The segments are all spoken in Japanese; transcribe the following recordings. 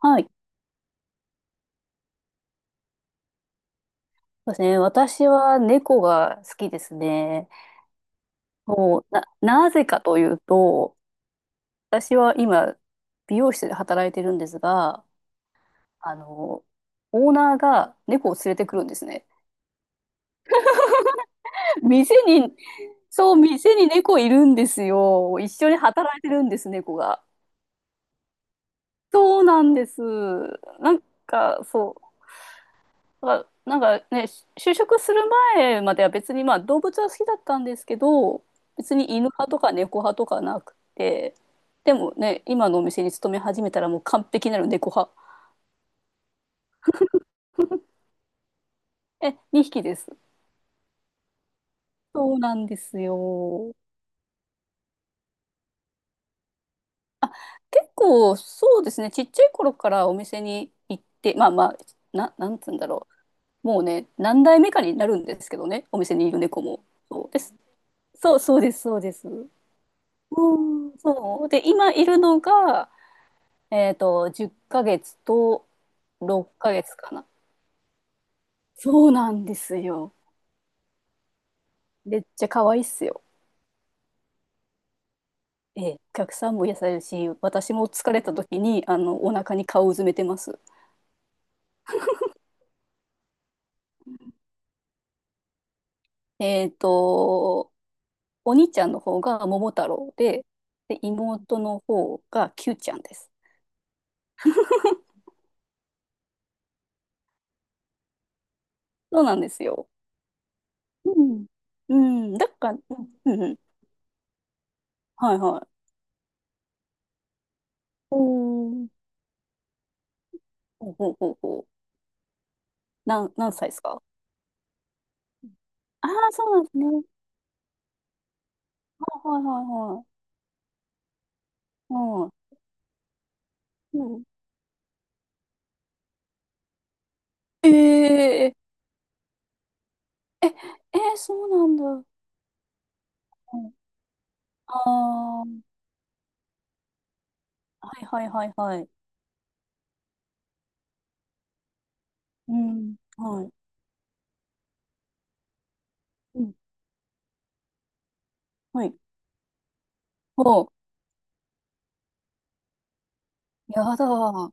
はい。そうですね。私は猫が好きですね。もう、なぜかというと、私は今、美容室で働いてるんですが、あの、オーナーが猫を連れてくるんですね。店に、そう、店に猫いるんですよ。一緒に働いてるんです、猫が。そうなんです。なんか、そう。だからなんかね、就職する前までは別にまあ動物は好きだったんですけど、別に犬派とか猫派とかなくて、でもね、今のお店に勤め始めたらもう完璧なる猫派。え、2匹です。そうなんですよ。結構そうですね、ちっちゃい頃からお店に行って、まあまあ、なんつうんだろう。もうね、何代目かになるんですけどね、お店にいる猫も。そうです。そう、そうです、そうです。うん、そう。で、今いるのが、10ヶ月と6ヶ月かな。そうなんですよ。めっちゃ可愛いっすよ。ええ、お客さんも癒されるし、私も疲れた時に、お腹に顔をうずめてます。えっと、お兄ちゃんの方が桃太郎で、で、妹の方がキューちゃんです。そうなんですよ。うん。うん。だから、うん、うんうん。はいはい。おー。ほうほうほうほう。何歳ですか？ああー、そうなんですね。はいはいはいはい。うん。うん。えー、ええ、え、そうなんだ。うん、ああ、はいはいはいはい。うん。はい。うん。はい。おう、やだ。は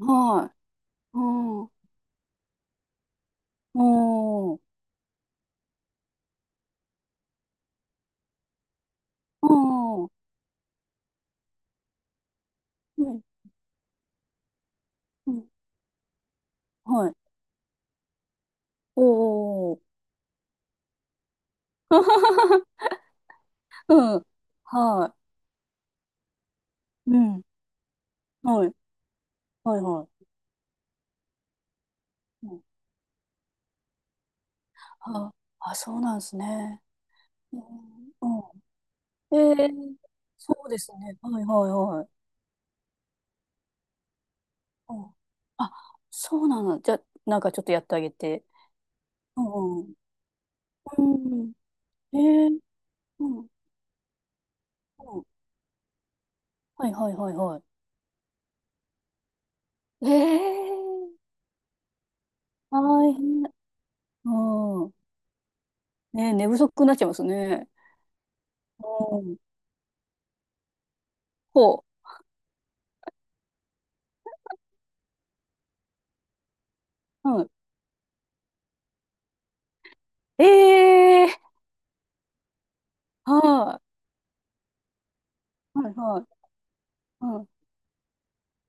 い。うん。おー。うん。うん。うん、はい。おー。うん。はい。うん。はい、うん、うん、うん、うん、うん、はい、おー、うん、はい、うん、はい、はい。うん、あ、あ、そうなんですね。うん。うん、えー、そうですね。はいはいはい。お、あ、そうなの。じゃあ、なんかちょっとやってあげて。うんうん。うんうん。えー、うん、うん。はいはいはいはい。えー、大変。うん。ね、寝不足になっちゃいますね。うん。ほう。うん。えー、はい。はいはい。うん。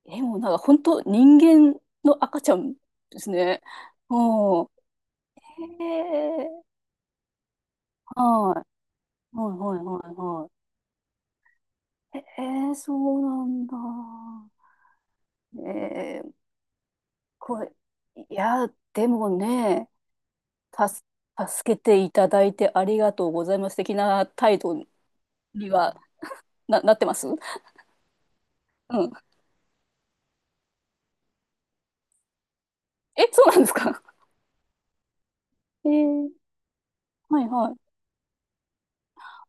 え、もうなんか本当人間の赤ちゃんですね。うん。えー、はい。はいはいはいはい。えー、そうなんだ。えー、これ、いや、でもね、助助けていただいてありがとうございます的な態度にはなってます、うん。え、そうなんですか？えー、はいはい。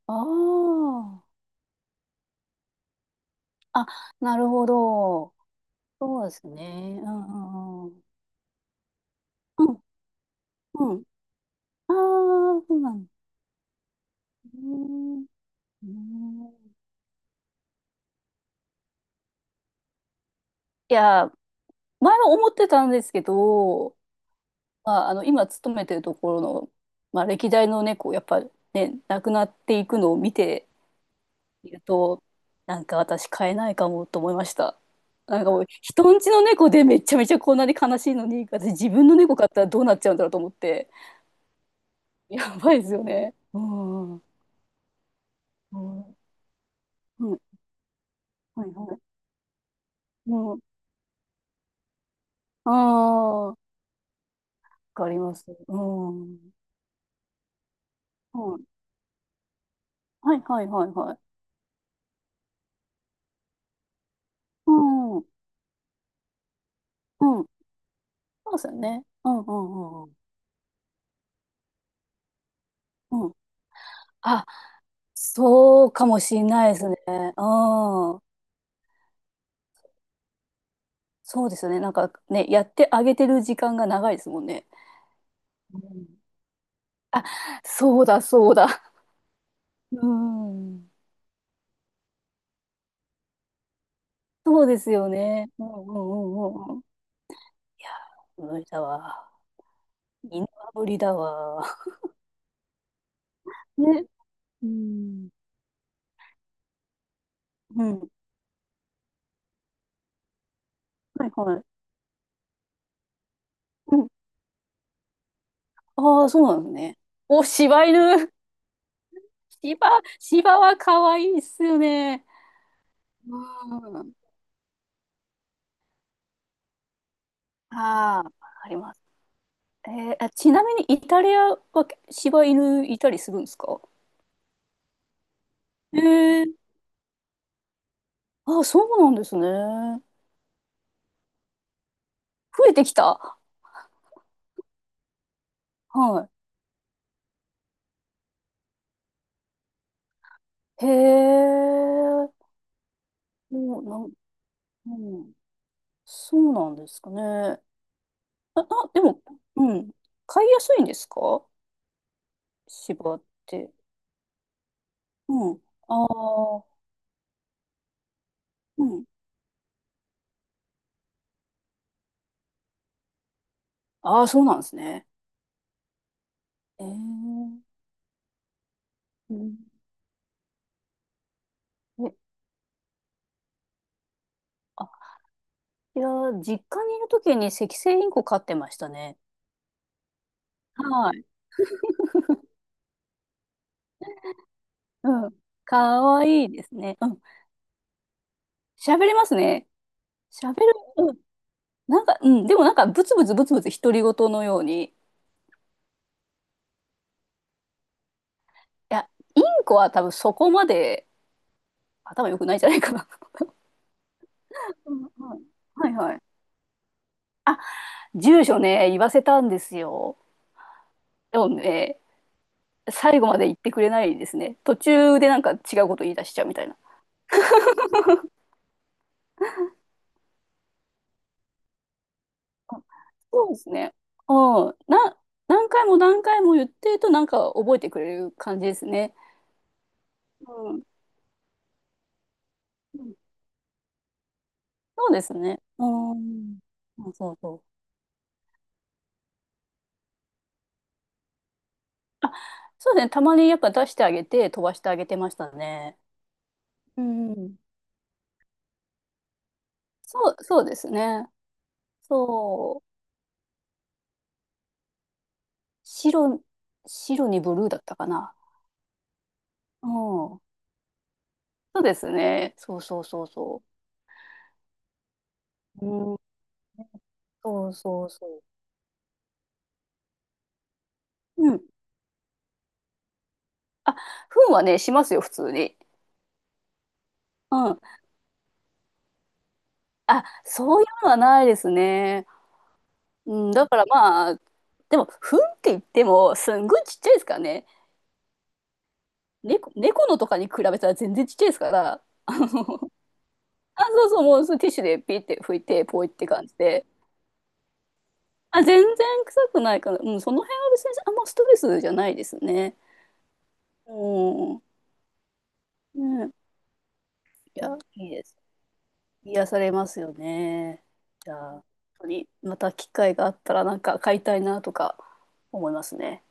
ああ。あ、なるほど。そうですね。うんうんうん。うんうん。ああ、そうなんですね。うん、いや、前は思ってたんですけど、まあ、あの今勤めてるところの、まあ、歴代の猫やっぱね、亡くなっていくのを見ているとなんか私飼えないかもと思いました。なんかもう人んちの猫でめちゃめちゃこんなに悲しいのに私自分の猫飼ったらどうなっちゃうんだろうと思って、やばいですよね、うんうんうん、はいはい、うん、ああー、わかります、うんうん、はいはいはいはい、うんうん、そうですよね、うんうんうんうんうん、あ、そうかもしれないですね。うん。そうですね。なんかね、やってあげてる時間が長いですもんね。うん、そうだ、そうだ。うん。そうですよね。うんうんうんうん、いやー、無理だわ。犬は無理だわ。ね。うん。うん。はいはい。うん。ああ、そうなのね。お、柴犬。柴、柴は可愛いっすよね。うん。ああ、わかります。えー、あ、ちなみにイタリアは柴犬いたりするんですか？へえ、ー。あ、そうなんですね。増えてきた。はい。へえ。もうなん、うん、そうなんですかね。あ、あ、でも、うん。飼いやすいんですか、柴って。うん。ああ、うん。ああ、そうなんですね。ええ。うん。え、あ、いや、実家にいるときにセキセイインコ飼ってましたね。はい、うん。かわいいですね。うん。喋りますね。喋る。うん。なんか、うん。でもなんか、ブツブツブツブツ独り言のように。いや、インコは多分そこまで頭良くないんじゃないかな。うんうん、はいはい。あ、住所ね、言わせたんですよ。でもね、最後まで言ってくれないですね。途中でなんか違うこと言い出しちゃうみたいな。あ、そうですね。うん。何回も何回も言ってるとなんか覚えてくれる感じですね。うん。そうですね。うん、そうそうそう。そうですね。たまにやっぱ出してあげて飛ばしてあげてましたね。うん。そう、そうですね。そう。白、白にブルーだったかな。うん。そうですね。そうそうそうそう。うん。そうそうそう。うん。あ、糞はね、しますよ、普通に。うん。あ、そういうのはないですね。うん。だからまあ、でも、糞って言っても、すんごいちっちゃいですからね。猫のとかに比べたら全然ちっちゃいですから、あ、そうそう、もうそのティッシュでピーって拭いて、ポイって感じで、あ、全然臭くないから、うん、その辺は別にあんまストレスじゃないですね。うん。ね、いや、いいです。癒されますよね。じゃあ、本当にまた機会があったらなんか買いたいなとか思いますね。